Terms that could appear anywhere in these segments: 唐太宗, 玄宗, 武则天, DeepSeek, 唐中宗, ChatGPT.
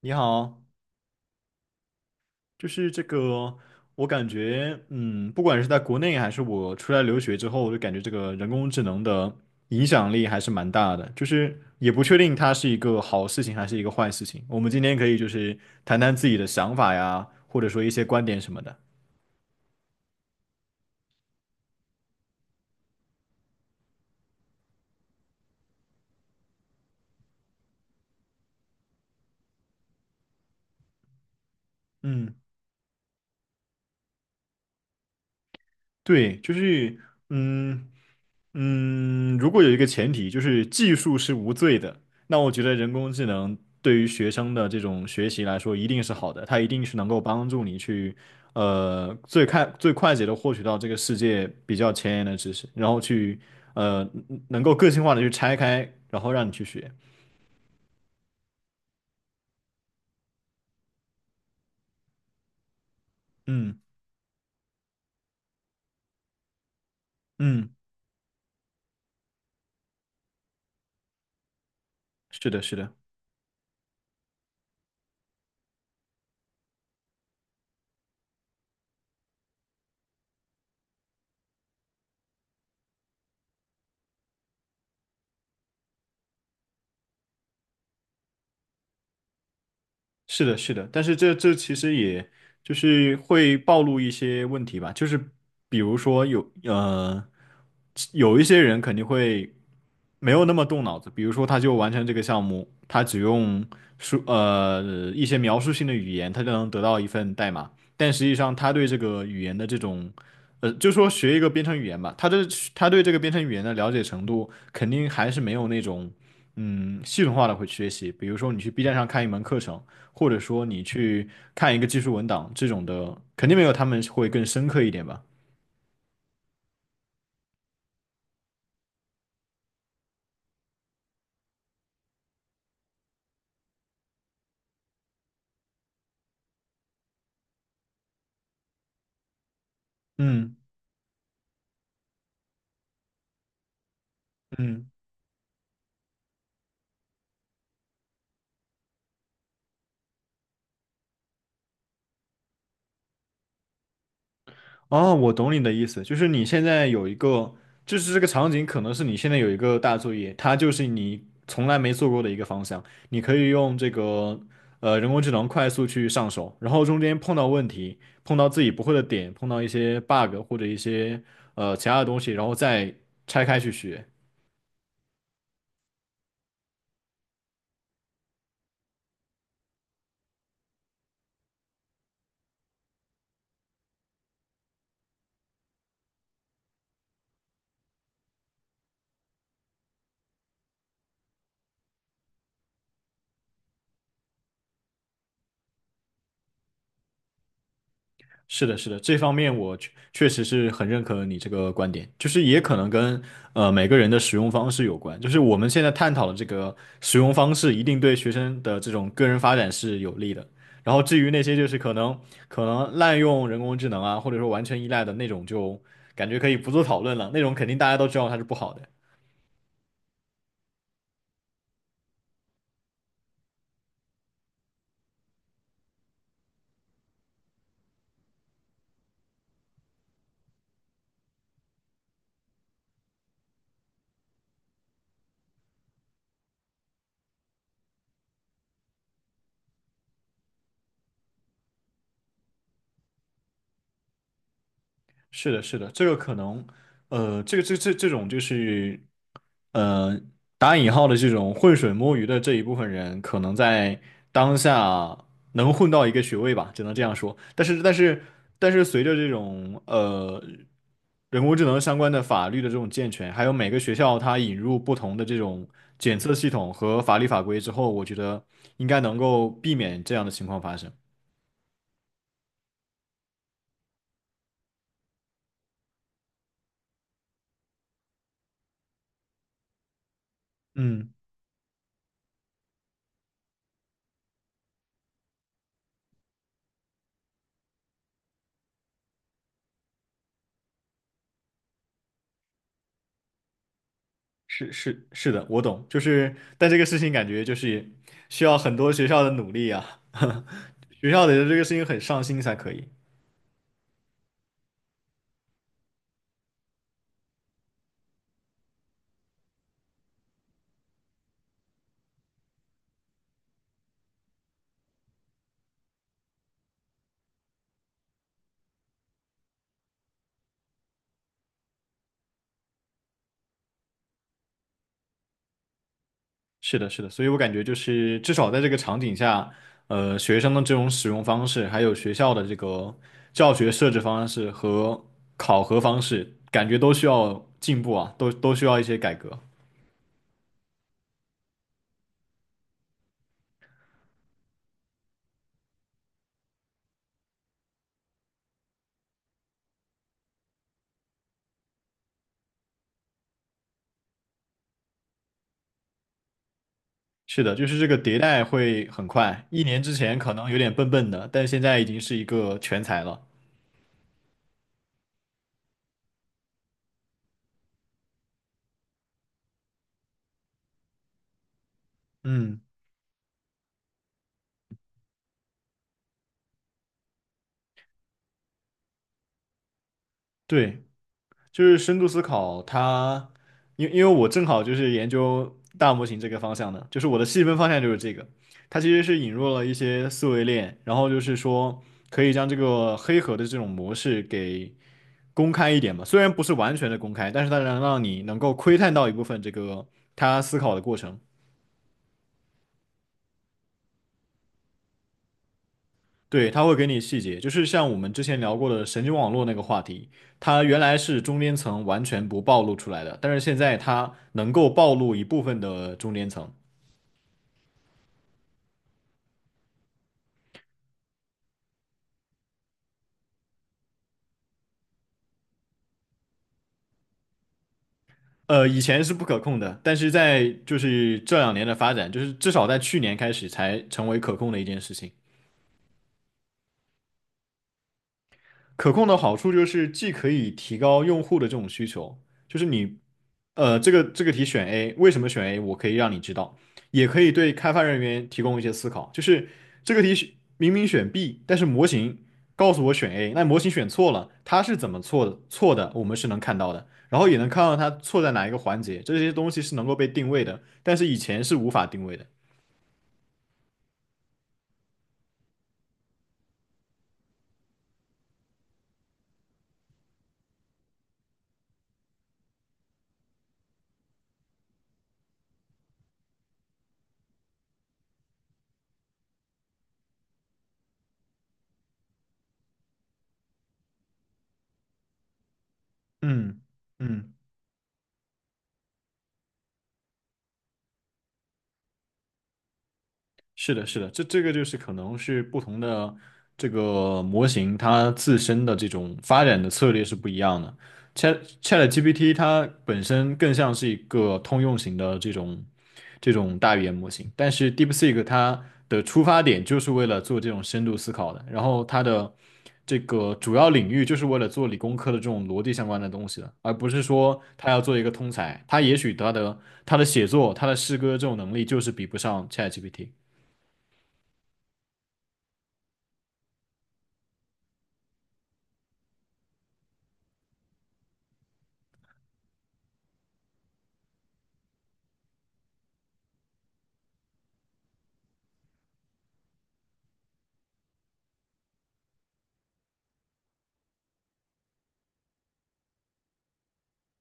你好，就是这个，我感觉，不管是在国内还是我出来留学之后，我就感觉这个人工智能的影响力还是蛮大的，就是也不确定它是一个好事情还是一个坏事情。我们今天可以就是谈谈自己的想法呀，或者说一些观点什么的。嗯。对，就是嗯。如果有一个前提，就是技术是无罪的，那我觉得人工智能对于学生的这种学习来说，一定是好的，它一定是能够帮助你去，最快捷的获取到这个世界比较前沿的知识，然后去，呃，能够个性化的去拆开，然后让你去学。嗯嗯，是的，是的。是的，是的，但是这其实也就是会暴露一些问题吧，就是比如说有一些人肯定会没有那么动脑子，比如说他就完成这个项目，他只用说一些描述性的语言，他就能得到一份代码，但实际上他对这个语言的这种就说学一个编程语言吧，他对这个编程语言的了解程度肯定还是没有那种。嗯，系统化的会学习，比如说你去 B 站上看一门课程，或者说你去看一个技术文档，这种的肯定没有他们会更深刻一点吧。嗯嗯，哦，我懂你的意思，就是你现在有一个，就是这个场景可能是你现在有一个大作业，它就是你从来没做过的一个方向，你可以用这个人工智能快速去上手，然后中间碰到问题，碰到自己不会的点，碰到一些 bug 或者一些其他的东西，然后再拆开去学。是的，是的，这方面我确实是很认可你这个观点，就是也可能跟每个人的使用方式有关，就是我们现在探讨的这个使用方式，一定对学生的这种个人发展是有利的。然后至于那些就是可能滥用人工智能啊，或者说完全依赖的那种，就感觉可以不做讨论了，那种肯定大家都知道它是不好的。是的，是的，这个可能，这种就是，呃，打引号的这种浑水摸鱼的这一部分人，可能在当下能混到一个学位吧，只能这样说。但是，随着这种人工智能相关的法律的这种健全，还有每个学校它引入不同的这种检测系统和法律法规之后，我觉得应该能够避免这样的情况发生。嗯。是是是的，我懂，就是但这个事情感觉就是需要很多学校的努力啊，学校得对这个事情很上心才可以。是的，是的，所以我感觉就是至少在这个场景下，学生的这种使用方式，还有学校的这个教学设置方式和考核方式，感觉都需要进步啊，都需要一些改革。是的，就是这个迭代会很快，一年之前可能有点笨笨的，但现在已经是一个全才了。嗯，对。就是深度思考它，因为我正好就是研究大模型这个方向的，就是我的细分方向就是这个。它其实是引入了一些思维链，然后就是说可以将这个黑盒的这种模式给公开一点嘛，虽然不是完全的公开，但是它能让你能够窥探到一部分这个他思考的过程。对，它会给你细节，就是像我们之前聊过的神经网络那个话题，它原来是中间层完全不暴露出来的，但是现在它能够暴露一部分的中间层。呃，以前是不可控的，但是在就是这两年的发展，就是至少在去年开始才成为可控的一件事情。可控的好处就是既可以提高用户的这种需求，就是你，这个题选 A,为什么选 A？我可以让你知道，也可以对开发人员提供一些思考。就是这个题明明选 B,但是模型告诉我选 A,那模型选错了，它是怎么错的？错的，我们是能看到的，然后也能看到它错在哪一个环节，这些东西是能够被定位的，但是以前是无法定位的。嗯嗯。是的，是的，这个就是可能是不同的这个模型，它自身的这种发展的策略是不一样的。ChatGPT 它本身更像是一个通用型的这种大语言模型，但是 DeepSeek 它的出发点就是为了做这种深度思考的，然后它的这个主要领域就是为了做理工科的这种逻辑相关的东西的，而不是说它要做一个通才。它也许它的写作、它的诗歌这种能力就是比不上 ChatGPT。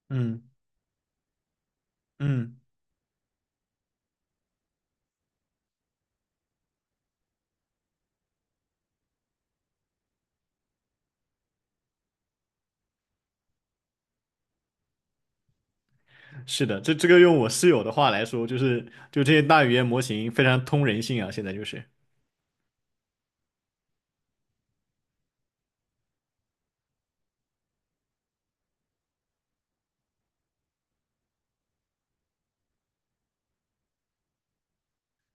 嗯嗯，是的，这个用我室友的话来说，就是就这些大语言模型非常通人性啊，现在就是。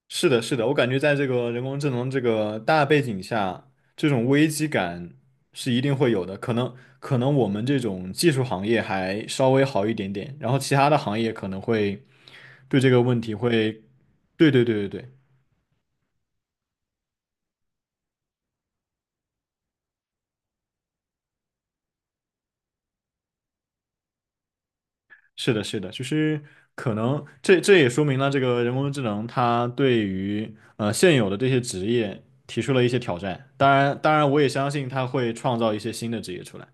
是的，是的，我感觉在这个人工智能这个大背景下，这种危机感是一定会有的。可能我们这种技术行业还稍微好一点点，然后其他的行业可能会对这个问题会，对对对对对。是的，是的，就是可能这也说明了这个人工智能它对于现有的这些职业提出了一些挑战。当然，当然我也相信它会创造一些新的职业出来。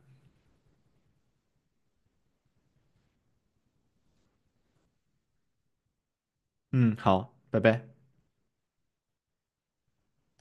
嗯，好，拜拜。